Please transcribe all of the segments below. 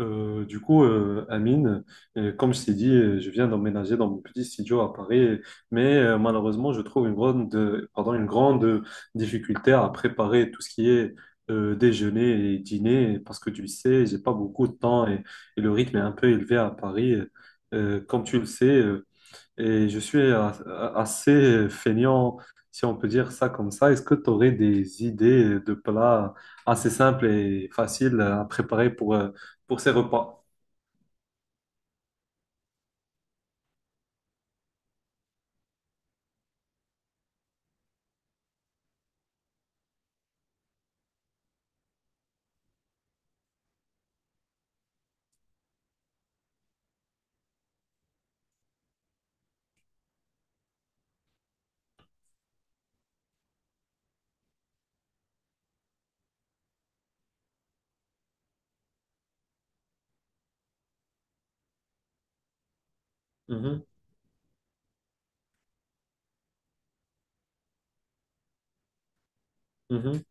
Amine, comme je t'ai dit, je viens d'emménager dans mon petit studio à Paris, mais malheureusement, je trouve une grande, pardon, une grande difficulté à préparer tout ce qui est déjeuner et dîner, parce que tu sais, j'ai pas beaucoup de temps et le rythme est un peu élevé à Paris. Comme tu le sais, et je suis assez feignant, si on peut dire ça comme ça. Est-ce que tu aurais des idées de plats assez simples et faciles à préparer pour ces repas? Mhm, mhm,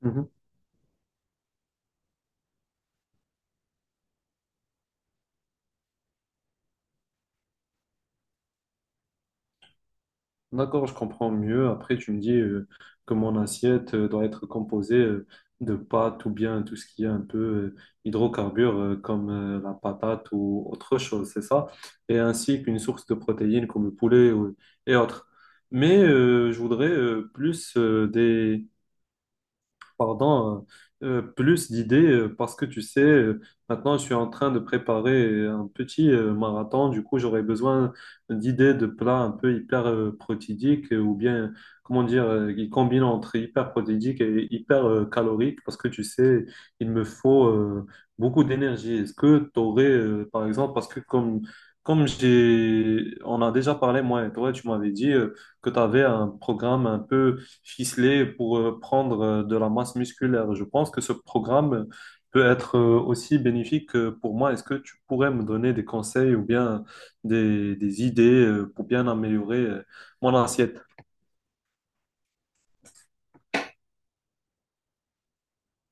mhm. D'accord, je comprends mieux. Après, tu me dis que mon assiette doit être composée de pâtes ou bien tout ce qui est un peu hydrocarbures comme la patate ou autre chose, c'est ça? Et ainsi qu'une source de protéines comme le poulet ou- et autres. Mais je voudrais plus pardon, plus d'idées parce que tu sais, maintenant je suis en train de préparer un petit marathon. Du coup, j'aurais besoin d'idées de plats un peu hyper protidiques ou bien, comment dire, qui combinent entre hyper protidique et hyper calorique parce que tu sais, il me faut beaucoup d'énergie. Est-ce que tu aurais, par exemple, parce que comme, comme j'ai, on a déjà parlé, moi et toi, tu m'avais dit que tu avais un programme un peu ficelé pour prendre de la masse musculaire. Je pense que ce programme peut être aussi bénéfique pour moi. Est-ce que tu pourrais me donner des conseils ou bien des idées pour bien améliorer mon assiette?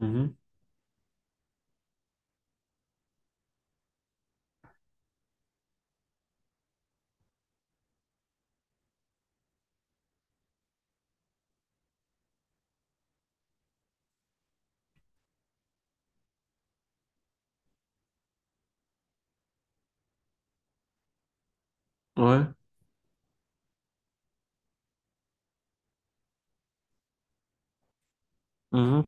Mhm. Ouais. Mhm.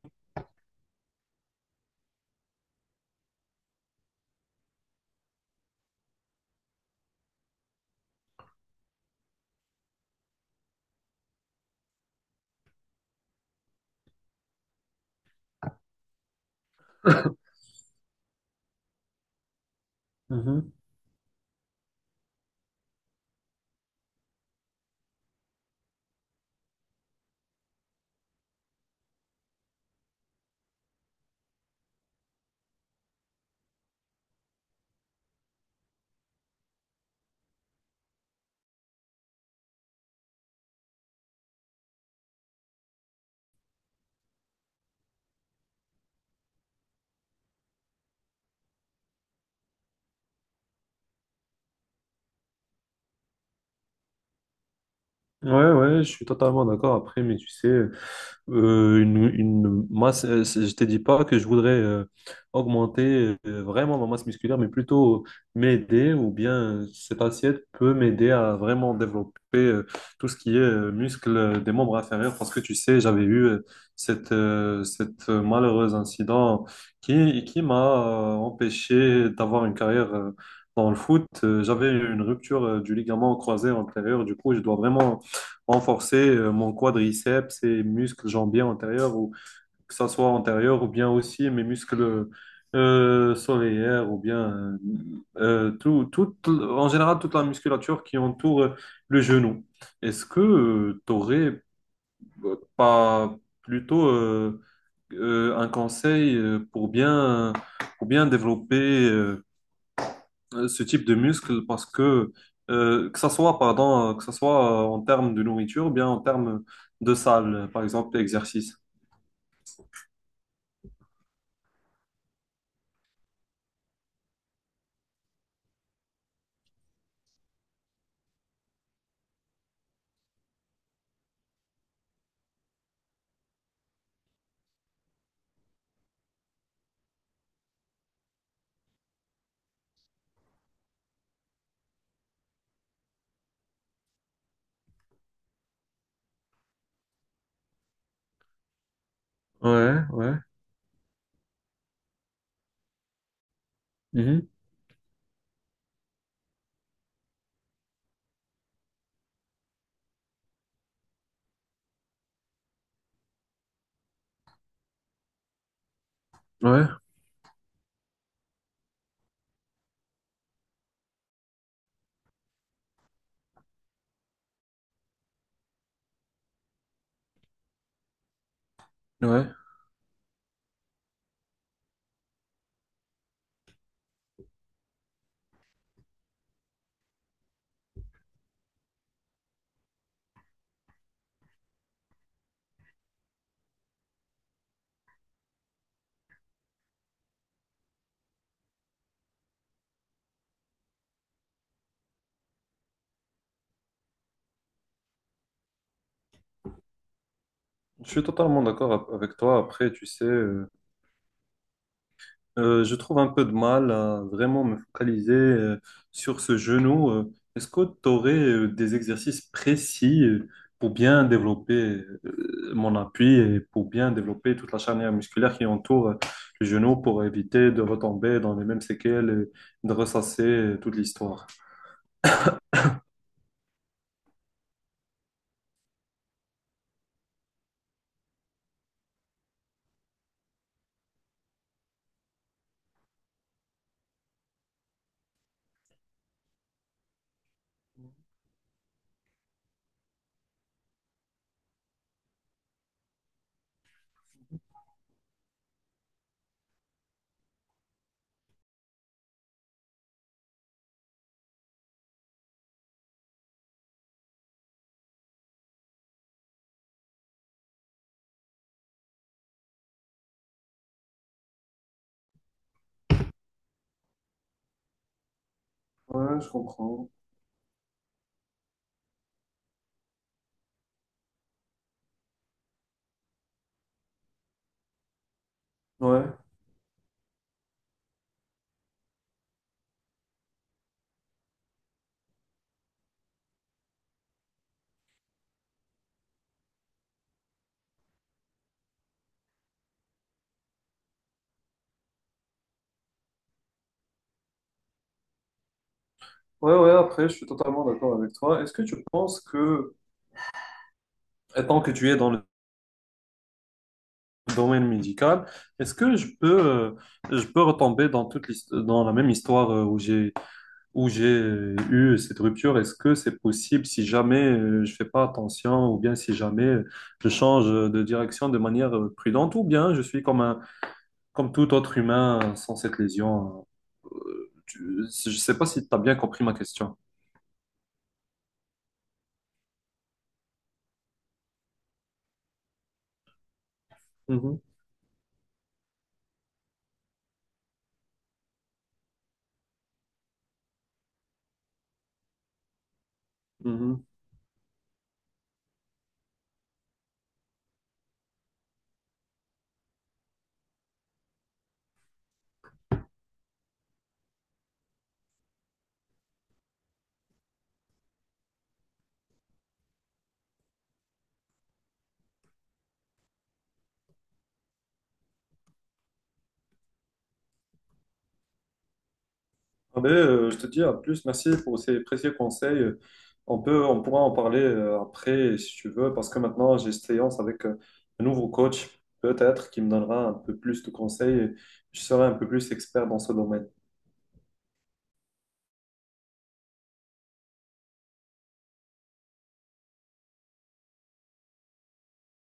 Mhm. Ouais, ouais, je suis totalement d'accord. Après, mais tu sais, une masse, je te dis pas que je voudrais augmenter vraiment ma masse musculaire, mais plutôt m'aider ou bien cette assiette peut m'aider à vraiment développer tout ce qui est muscle des membres inférieurs parce que tu sais, j'avais eu cette malheureuse incident qui m'a empêché d'avoir une carrière dans le foot. J'avais une rupture du ligament croisé antérieur, du coup, je dois vraiment renforcer mon quadriceps et muscles jambiers antérieurs, ou que ça soit antérieur ou bien aussi mes muscles solaires, ou bien tout, en général toute la musculature qui entoure le genou. Est-ce que tu aurais pas plutôt un conseil pour bien développer euh, ce type de muscle parce que ça soit pardon que ça soit en termes de nourriture ou bien en termes de salle par exemple exercice. Ouais, ouais. Mhm. Ouais, ouais. Je suis totalement d'accord avec toi après tu sais je trouve un peu de mal à vraiment me focaliser sur ce genou. Est-ce que tu aurais des exercices précis pour bien développer mon appui et pour bien développer toute la charnière musculaire qui entoure le genou pour éviter de retomber dans les mêmes séquelles et de ressasser toute l'histoire? Ouais, je comprends. Ouais, ouais, ouais, après, je suis totalement d'accord avec toi. Est-ce que tu penses que, étant que tu es dans le domaine médical, est-ce que je peux retomber dans toute dans la même histoire où j'ai eu cette rupture? Est-ce que c'est possible si jamais je fais pas attention ou bien si jamais je change de direction de manière prudente ou bien je suis comme un comme tout autre humain sans cette lésion? Je sais pas si tu as bien compris ma question. Mhm, mhm. Ah ben, je te dis à plus, merci pour ces précieux conseils. On peut, on pourra en parler après si tu veux, parce que maintenant j'ai séance avec un nouveau coach, peut-être, qui me donnera un peu plus de conseils et je serai un peu plus expert dans ce domaine.